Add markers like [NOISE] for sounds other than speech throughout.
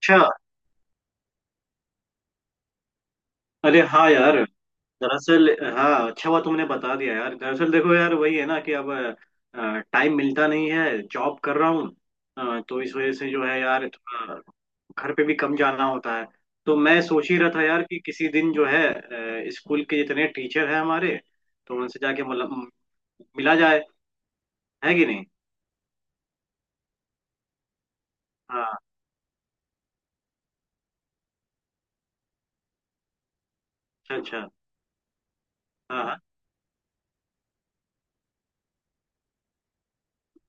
अच्छा। अरे हाँ यार, दरअसल। हाँ, अच्छा हुआ तुमने बता दिया यार। दरअसल देखो यार, वही है ना कि अब टाइम मिलता नहीं है, जॉब कर रहा हूँ। तो इस वजह से जो है यार थोड़ा घर पे भी कम जाना होता है। तो मैं सोच ही रहा था यार कि किसी दिन जो है स्कूल के जितने टीचर हैं हमारे, तो उनसे जाके मतलब मिला जाए। है कि नहीं। हाँ, अच्छा अच्छा। हाँ हाँ।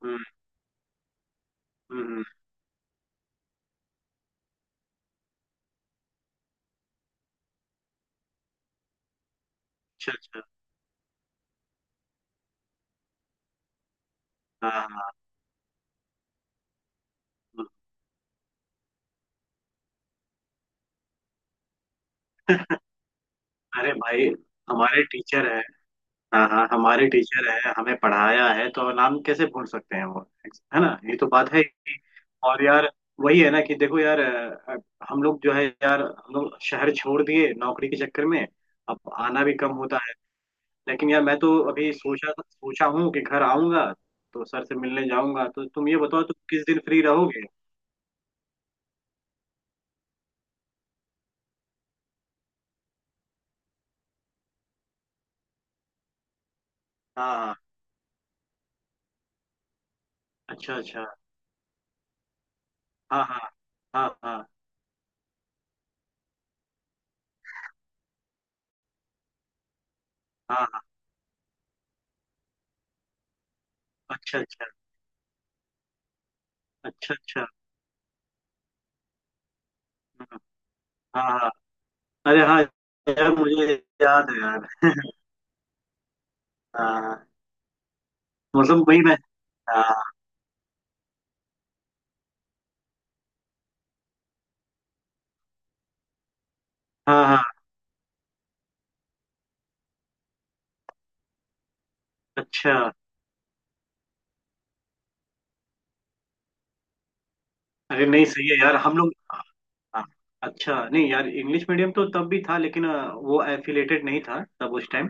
हम्म हम्म। अच्छा अच्छा। हाँ हाँ हाँ। अरे भाई, हमारे टीचर। हाँ हाँ, हमारे टीचर है, हमें पढ़ाया है तो नाम कैसे भूल सकते हैं वो। है ना, ये तो बात है। और यार वही है ना कि देखो यार हम लोग जो है यार, हम लोग शहर छोड़ दिए नौकरी के चक्कर में। अब आना भी कम होता है। लेकिन यार मैं तो अभी सोचा सोचा हूँ कि घर आऊंगा तो सर से मिलने जाऊंगा। तो तुम ये बताओ, तुम किस दिन फ्री रहोगे। हाँ हाँ। अच्छा अच्छा। हाँ हाँ हाँ। हाँ हाँ हाँ। अच्छा अच्छा। अच्छा अच्छा। हाँ हाँ। अरे हाँ यार, मुझे याद है यार। हाँ, मतलब वही मैं। हाँ हाँ हाँ। अच्छा। अरे नहीं, सही है यार हम लोग। हाँ। अच्छा नहीं यार, इंग्लिश मीडियम तो तब भी था, लेकिन वो एफिलेटेड नहीं था तब उस टाइम।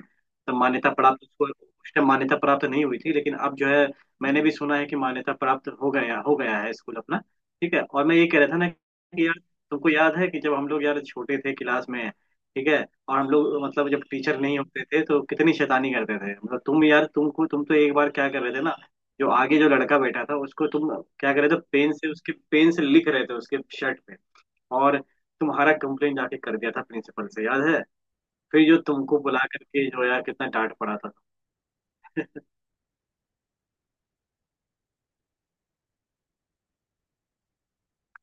तब मान्यता प्राप्त, उसको उस टाइम मान्यता प्राप्त नहीं हुई थी, लेकिन अब जो है मैंने भी सुना है कि मान्यता प्राप्त हो गया, हो गया है स्कूल अपना। ठीक है, और मैं ये कह रहा था ना कि यार तुमको याद है कि जब हम लोग यार छोटे थे क्लास में। ठीक है, और हम लोग मतलब जब टीचर नहीं होते थे तो कितनी शैतानी करते थे मतलब। तुम यार, तुमको तुम तो एक बार क्या कर रहे थे ना, जो आगे जो लड़का बैठा था उसको तुम क्या कर रहे थे, पेन से उसके पेन से लिख रहे थे उसके शर्ट पे। और तुम्हारा कंप्लेन जाके कर दिया था प्रिंसिपल से, याद है। फिर जो तुमको बुला करके जो यार कितना डांट पड़ा था।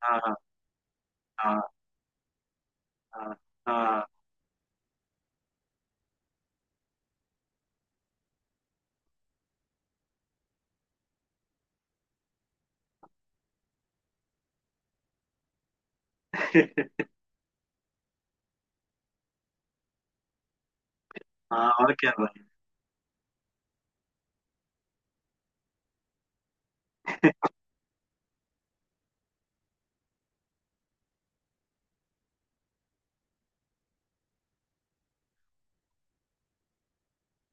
हाँ हाँ। हाँ हाँ हाँ। [LAUGHS] हाँ, और क्या भाई।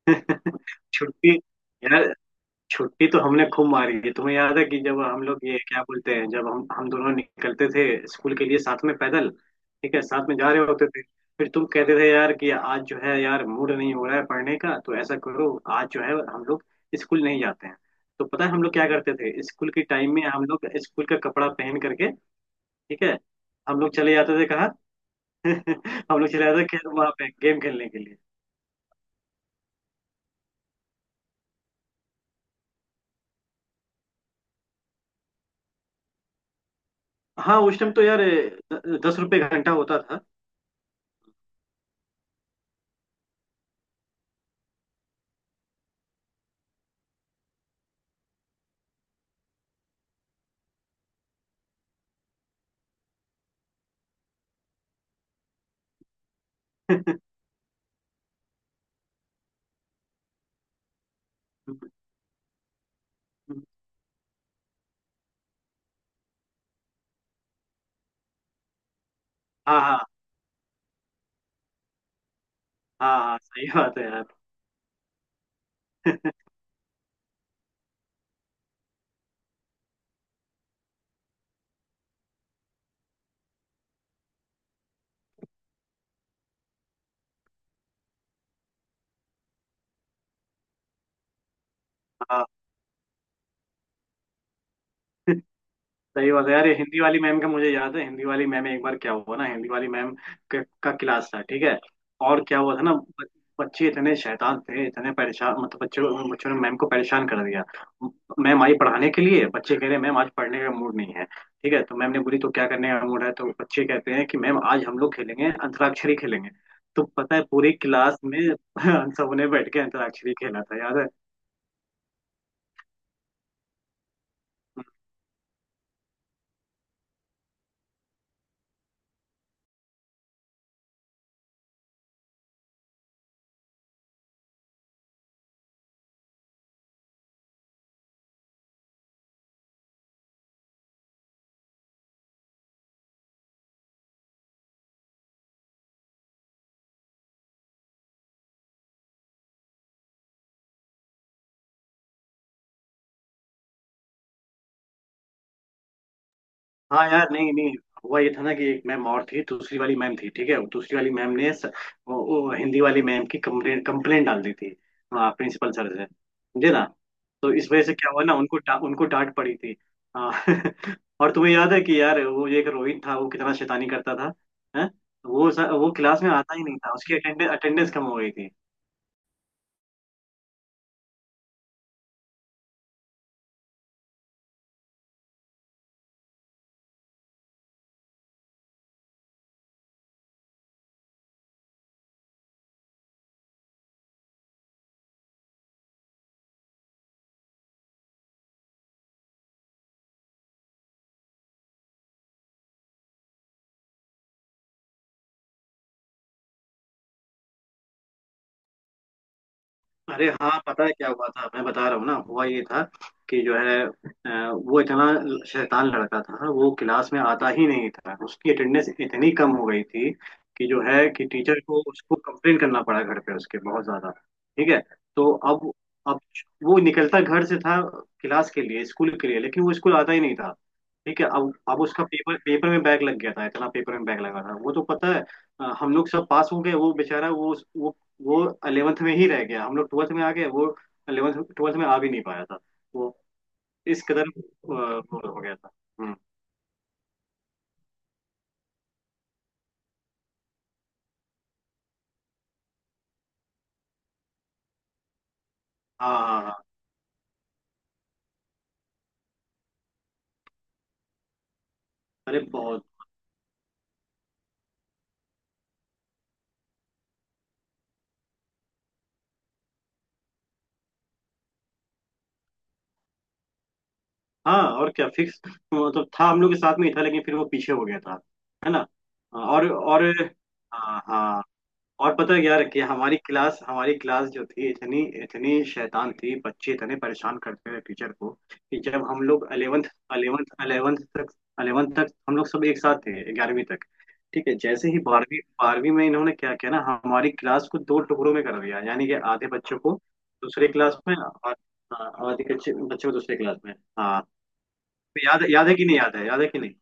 [LAUGHS] छुट्टी। यार, छुट्टी तो हमने खूब मारी है। तुम्हें याद है कि जब हम लोग, ये क्या बोलते हैं, जब हम दोनों निकलते थे स्कूल के लिए साथ में पैदल। ठीक है, साथ में जा रहे होते थे, फिर तुम कहते थे यार कि आज जो है यार मूड नहीं हो रहा है पढ़ने का, तो ऐसा करो आज जो है हम लोग स्कूल नहीं जाते हैं। तो पता है हम लोग क्या करते थे, स्कूल के टाइम में हम लोग स्कूल का कपड़ा पहन करके, ठीक है, हम लोग चले जाते थे कहाँ। [LAUGHS] हम लोग चले जाते थे खेल, वहां पे गेम खेलने के लिए। हाँ, उस टाइम तो यार दस रुपए घंटा होता था। [LAUGHS] हाँ हाँ। हाँ हाँ, सही बात है यार। [LAUGHS] हाँ, सही बात है यार। ये हिंदी वाली मैम का मुझे याद है, हिंदी वाली मैम, एक बार क्या हुआ ना, हिंदी वाली मैम का क्लास था। ठीक है, और क्या हुआ था ना, बच्चे इतने शैतान थे, इतने परेशान मतलब, बच्चों बच्चों ने मैम को परेशान कर दिया। मैम आई पढ़ाने के लिए, बच्चे कह रहे हैं मैम आज पढ़ने का मूड नहीं है। ठीक है, तो मैम ने बोली तो क्या करने का मूड है, तो बच्चे कहते हैं कि मैम आज हम लोग खेलेंगे, अंतराक्षरी खेलेंगे। तो पता है, पूरी क्लास में [LAUGHS] हम सबने बैठ के अंतराक्षरी खेला था, याद है। हाँ यार, नहीं नहीं। हुआ ये था ना कि एक मैम और थी, दूसरी वाली मैम थी। ठीक है, दूसरी वाली मैम ने स, वो हिंदी वाली मैम की कंप्लेन कंप्लेन डाल दी थी। हाँ, प्रिंसिपल सर से, समझे ना। तो इस वजह से क्या हुआ ना, उनको डा, उनको डांट पड़ी थी। हाँ। [LAUGHS] और तुम्हें याद है कि यार वो एक रोहित था, वो कितना शैतानी करता था। है, वो स- वो क्लास में आता ही नहीं था, उसकी अटेंडेंस कम हो गई थी। अरे हाँ, पता है क्या हुआ था, मैं बता रहा हूँ ना, हुआ ये था कि जो है वो इतना शैतान लड़का था, वो क्लास में आता ही नहीं था, उसकी अटेंडेंस इतनी कम हो गई थी कि जो है कि टीचर को उसको कंप्लेन करना पड़ा घर पे उसके, बहुत ज्यादा। ठीक है, तो अब वो निकलता घर से था क्लास के लिए, स्कूल के लिए, लेकिन वो स्कूल आता ही नहीं था। ठीक है, अब उसका पेपर, पेपर में बैग लग गया था, इतना पेपर में बैग लगा था वो, तो पता है हम लोग सब पास हो गए, वो बेचारा वो 11th में ही रह गया, हम लोग 12th में आ गए। वो 11th 12th में आ भी नहीं पाया था वो, इस कदर वो हो गया था। हम्म। हाँ हाँ हाँ। अरे बहुत। हाँ और क्या, फिक्स मतलब था हम लोग के साथ में ही था, लेकिन फिर वो पीछे हो गया था। है ना। और हाँ हाँ। और पता है क्या रखिए, हमारी क्लास, हमारी क्लास जो थी इतनी इतनी शैतान थी, बच्चे इतने परेशान करते थे टीचर को, कि जब हम लोग 11th 11th तक 11th तक हम लोग सब एक साथ थे, ग्यारहवीं तक। ठीक है, जैसे ही बारहवीं, बारहवीं में इन्होंने क्या किया ना, हमारी क्लास को दो टुकड़ों में कर दिया, यानी कि आधे बच्चों को दूसरे क्लास में, और हाँ, आधे बच्चे बच्चों को दूसरे क्लास में। हाँ, तो याद, याद है कि नहीं, याद है याद है कि नहीं।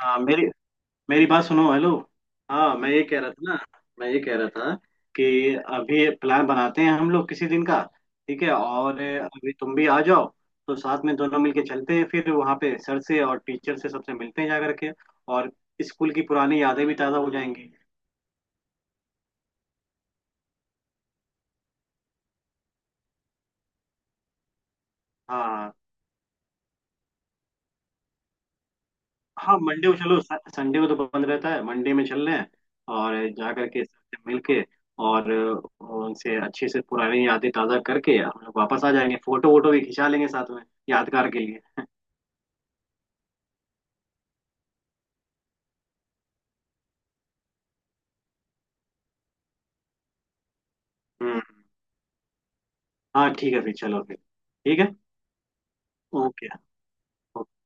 हाँ, मेरी मेरी बात सुनो, हेलो। हाँ, मैं ये कह रहा था ना, मैं ये कह रहा था कि अभी प्लान बनाते हैं हम लोग किसी दिन का। ठीक है, और अभी तुम भी आ जाओ, तो साथ में दोनों मिलके चलते हैं, फिर वहाँ पे सर से और टीचर से सबसे मिलते हैं जा करके, और स्कूल की पुरानी यादें भी ताज़ा हो जाएंगी। हाँ हाँ। मंडे को चलो, स- संडे को तो बंद रहता है, मंडे में चल रहे हैं, और जा करके सबसे मिल के, और उनसे अच्छे से पुरानी यादें ताज़ा करके हम लोग वापस आ जाएंगे। फोटो वोटो भी खिंचा लेंगे साथ में, यादगार के लिए। हम्म। हाँ ठीक है, फिर चलो, फिर ठीक है। ओके।